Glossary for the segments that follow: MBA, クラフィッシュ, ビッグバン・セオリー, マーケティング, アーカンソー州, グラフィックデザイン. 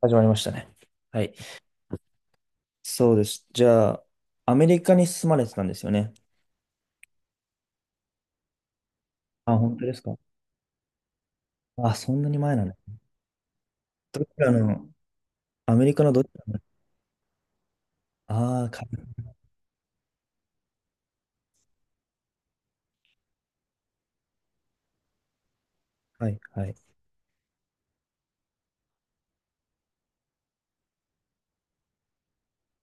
始まりましたね。はい。そうです。じゃあ、アメリカに住まれてたんですよね。あ、本当ですか？あ、そんなに前なんだ。どちらの、アメリカのどちらの、ああー、か、はい、はい。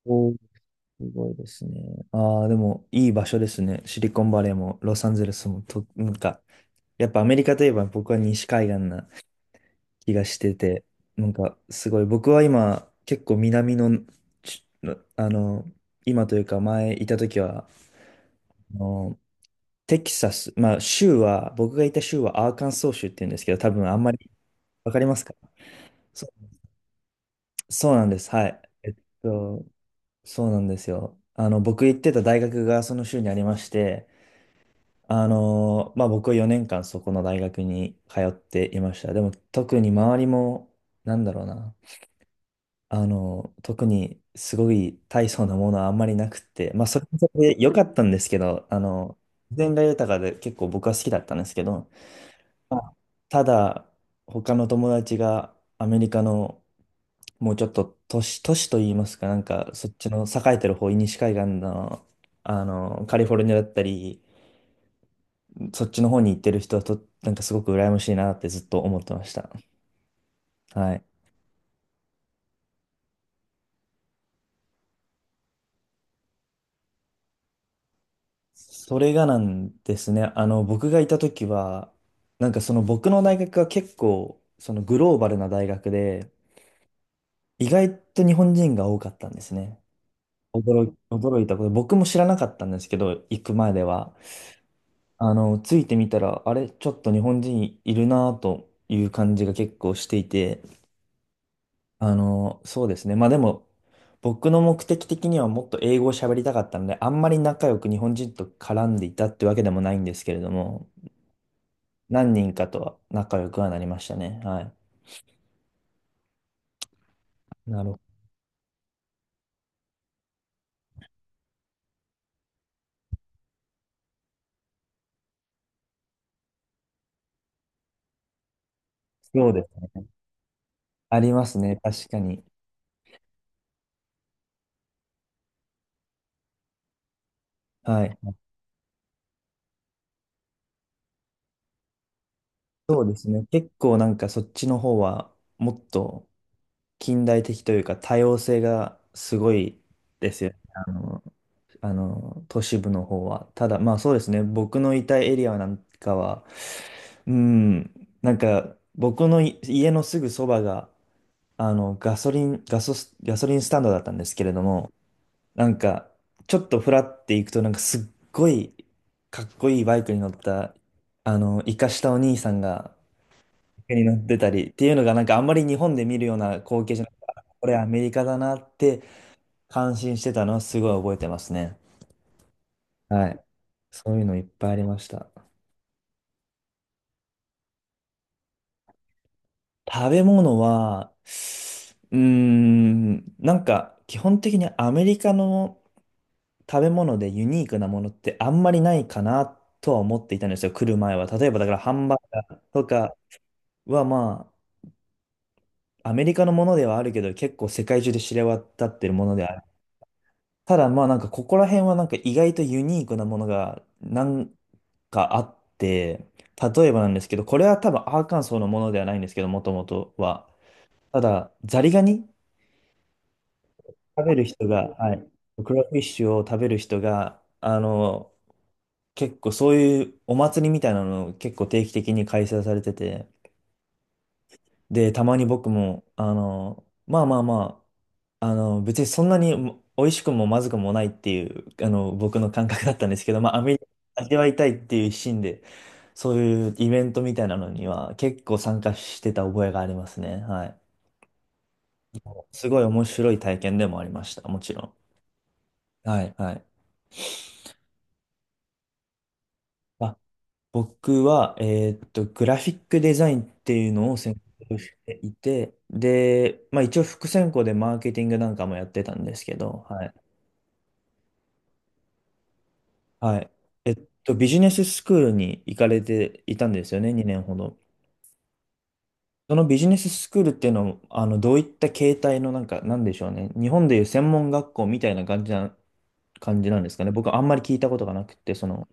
おー、すごいですね。ああ、でも、いい場所ですね。シリコンバレーも、ロサンゼルスも、と、なんか、やっぱアメリカといえば僕は西海岸な気がしてて、なんか、すごい、僕は今、結構南の、ち、あの、今というか前いた時は、あのテキサス、まあ州は、僕がいた州はアーカンソー州って言うんですけど、多分あんまりわかりますか？そう、そうなんです。はい。えっと、そうなんですよ。あの、僕行ってた大学がその州にありまして、あの、まあ僕は4年間そこの大学に通っていました。でも特に周りも、なんだろうな、あの、特にすごい大層なものはあんまりなくって、まあそれもそれで良かったんですけど、あの、自然が豊かで結構僕は好きだったんですけど、まあただ、他の友達がアメリカのもうちょっと都市、都市といいますか、なんかそっちの栄えてる方、西海岸の、あの、カリフォルニアだったり、そっちの方に行ってる人はと、なんかすごく羨ましいなってずっと思ってました。はい。それがなんですね。あの、僕がいた時は、なんかその僕の大学は結構、そのグローバルな大学で、意外と日本人が多かったんですね。驚いたこと、僕も知らなかったんですけど、行く前では。あの、ついてみたら、あれ、ちょっと日本人いるなという感じが結構していて、あの、そうですね。まあでも、僕の目的的にはもっと英語を喋りたかったので、あんまり仲良く日本人と絡んでいたってわけでもないんですけれども、何人かとは仲良くはなりましたね。はい。なるほど。そうですね。ありますね。確かに。はい。そうですね。結構なんかそっちの方は、もっと、近代的というか多様性がすごいですよね。あの、あの都市部の方は。ただ、まあそうですね、僕のいたエリアなんかは、うん、なんか僕のい家のすぐそばが、あの、ガソリンスタンドだったんですけれども、なんか、ちょっとフラって行くと、なんかすっごいかっこいいバイクに乗った、あの、イカしたお兄さんが、になってたりっていうのがなんかあんまり日本で見るような光景じゃなくて、あこれアメリカだなって感心してたのはすごい覚えてますね。はい。そういうのいっぱいありました。食べ物は、うーん、なんか基本的にアメリカの食べ物でユニークなものってあんまりないかなとは思っていたんですよ、来る前は。例えばだからハンバーガーとかはまあ、アメリカのものではあるけど、結構世界中で知れ渡ってるものである。ただまあなんかここら辺はなんか意外とユニークなものがなんかあって、例えばなんですけど、これは多分アーカンソーのものではないんですけど、もともとは。ただ、ザリガニ食べる人が、はい、クラフィッシュを食べる人が、あの、結構そういうお祭りみたいなのを結構定期的に開催されてて、で、たまに僕も、あの、まあ、あの、別にそんなにも美味しくもまずくもないっていう、あの、僕の感覚だったんですけど、まあ、アメリカ味わいたいっていう一心で、そういうイベントみたいなのには結構参加してた覚えがありますね。はい。すごい面白い体験でもありました。もちろん。はい、はい。あ、僕は、グラフィックデザインっていうのを専攻していて、で、まあ一応副専攻でマーケティングなんかもやってたんですけど、はい。はい。えっと、ビジネススクールに行かれていたんですよね、2年ほど。そのビジネススクールっていうのは、あの、どういった形態のなんか、なんでしょうね。日本でいう専門学校みたいな感じな、感じなんですかね。僕はあんまり聞いたことがなくて、その、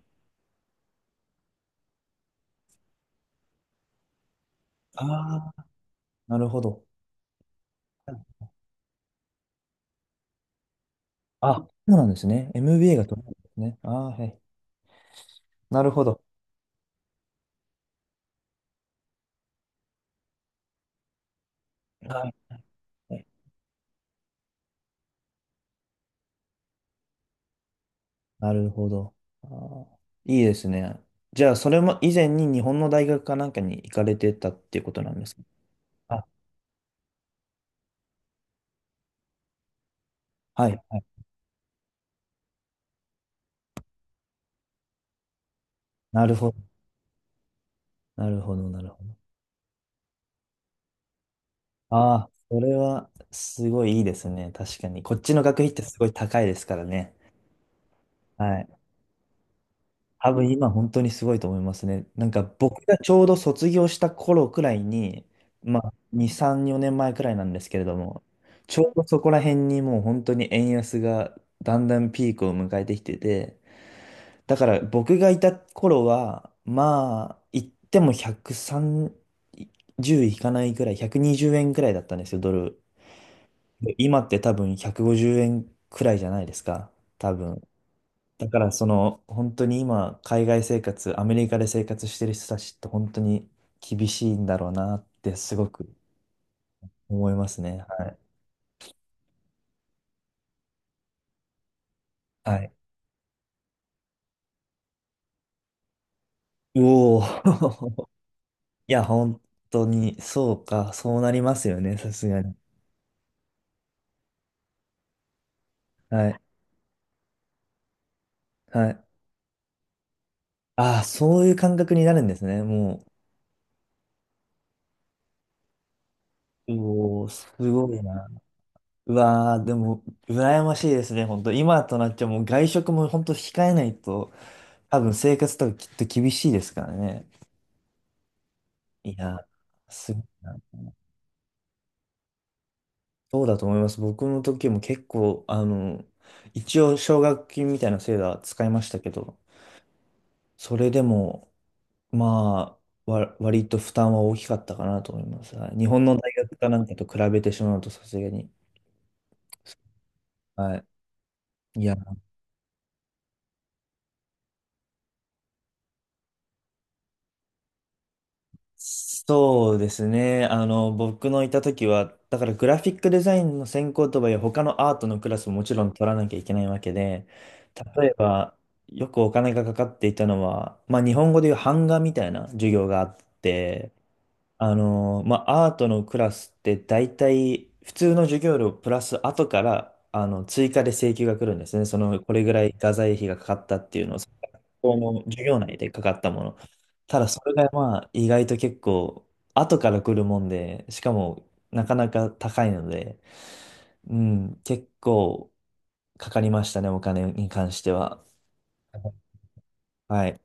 ああ、なるほど。あ、そうなんですね。MBA が取れるんですね。ああ、はい。なるほど。はい。なるほど。あーいいですね。じゃあ、それも以前に日本の大学かなんかに行かれてたっていうことなんですか？あ、はい、はい。なるほど。なるほど、なるほど。ああ、それはすごいいいですね。確かに。こっちの学費ってすごい高いですからね。はい。多分今本当にすごいと思いますね。なんか僕がちょうど卒業した頃くらいに、まあ2、3、4年前くらいなんですけれども、ちょうどそこら辺にもう本当に円安がだんだんピークを迎えてきてて、だから僕がいた頃は、まあ言っても130いかないくらい、120円くにじゅうえんくらいだったんですよ、ドル。で今って多分150円くごじゅうえんくらいじゃないですか、多分。だからその本当に今海外生活、アメリカで生活してる人たちって本当に厳しいんだろうなってすごく思いますね。はい。はい。おお。いや、本当にそうか、そうなりますよね、さすがに。はい。はい。ああ、そういう感覚になるんですね、もう。おお、すごいな。うわー、でも、羨ましいですね、本当。今となっちゃもう外食も本当控えないと、多分生活とかきっと厳しいですからね。いやー、すごいな。そうだと思います。僕の時も結構、あの、一応奨学金みたいな制度は使いましたけど、それでも、まあ、わ、割と負担は大きかったかなと思います。はい、日本の大学かなんかと比べてしまうとさすがに。はい。いや、そうですね。あの、僕のいた時は、だからグラフィックデザインの専攻とはいえ、他のアートのクラスももちろん取らなきゃいけないわけで、例えば、よくお金がかかっていたのは、まあ日本語でいう版画みたいな授業があって、あの、まあアートのクラスって大体、普通の授業料プラス後から、あの、追加で請求が来るんですね。その、これぐらい画材費がかかったっていうのをこの授業内でかかったもの。ただそれがまあ意外と結構後から来るもんで、しかもなかなか高いので、うん、結構かかりましたね、お金に関しては。はい。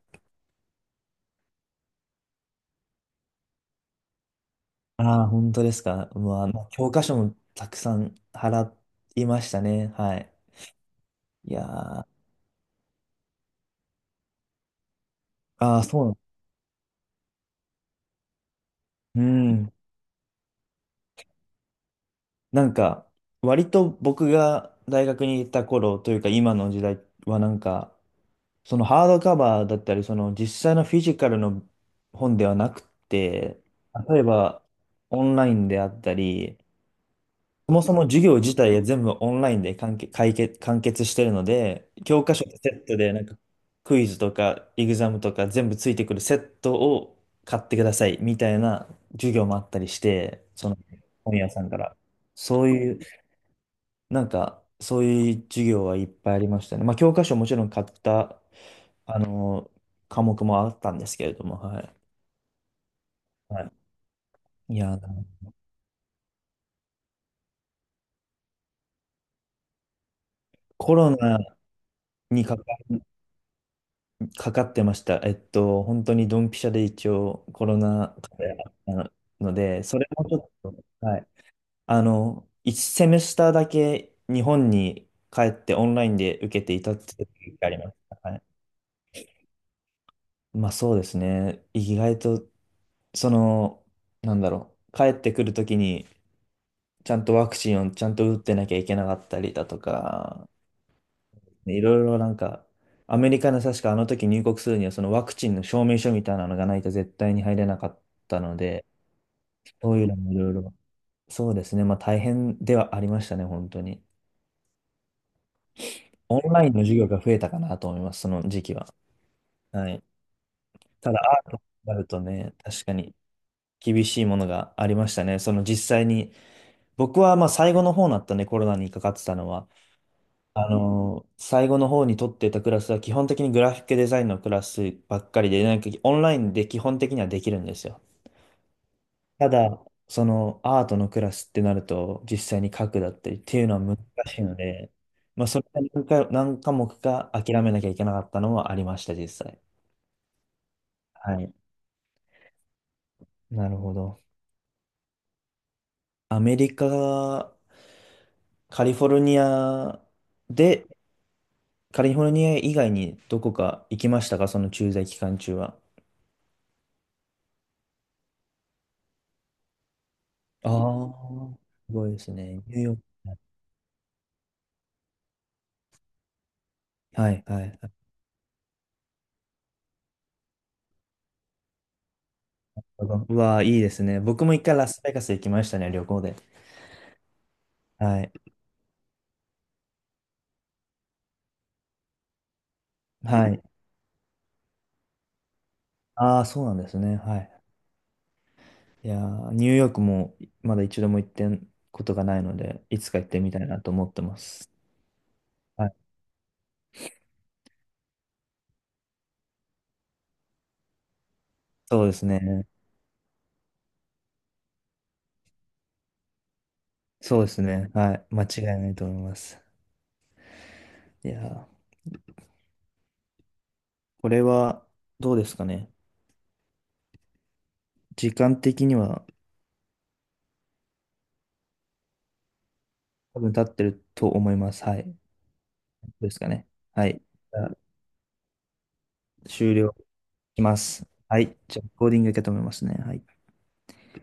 ああ、本当ですか。うわ、まあ、教科書もたくさん払いましたね。はい。いやー、ああ、そうなの。うんなんか、割と僕が大学に行った頃というか今の時代はなんか、そのハードカバーだったり、その実際のフィジカルの本ではなくて、例えばオンラインであったり、そもそも授業自体が全部オンラインで完結してるので、教科書とセットでなんかクイズとかエグザムとか全部ついてくるセットを買ってくださいみたいな授業もあったりして、その本屋さんから。そういうなんか、そういう授業はいっぱいありましたね。まあ、教科書もちろん買った、あの、科目もあったんですけれども、はい。はい、いや、コロナにかか、かかってました。本当にドンピシャで一応コロナ禍であったので、それもちょっと、はい。あの、1セメスターだけ日本に帰ってオンラインで受けていたっていう時があります。はい。まあそうですね。意外とその、なんだろう、帰ってくるときに、ちゃんとワクチンをちゃんと打ってなきゃいけなかったりだとか、いろいろなんか、アメリカの確かあの時入国するには、そのワクチンの証明書みたいなのがないと絶対に入れなかったので、そういうのもいろいろ、そうですね、まあ大変ではありましたね、本当に。オンラインの授業が増えたかなと思います、その時期は。はい。ただ、アートになるとね、確かに厳しいものがありましたね。その実際に僕はまあ最後の方になったね、コロナにかかってたのは。最後の方に取ってたクラスは基本的にグラフィックデザインのクラスばっかりで、なんかオンラインで基本的にはできるんですよ。ただ、そのアートのクラスってなると、実際に書くだったりっていうのは難しいので、まあそれが何か、何科目か諦めなきゃいけなかったのはありました、実際。はい。なるほど。アメリカ、カリフォルニアでカリフォルニア以外にどこか行きましたかその駐在期間中は。ああ、すごいですね。ニューヨーク。はい、はい。うわあ、いいですね。僕も一回ラスベガス行きましたね、旅行で。はい。はい。ああ、そうなんですね。はい。いやーニューヨークもまだ一度も行ってんことがないので、いつか行ってみたいなと思ってます。はい。そうですね。そうですね。はい。間違いないと思います。いやーこれはどうですかね。時間的には多分立ってると思います。はい。ですかね。はい。じゃあ終了します。はい。じゃあ、コーディングいけたと思いますね。はい。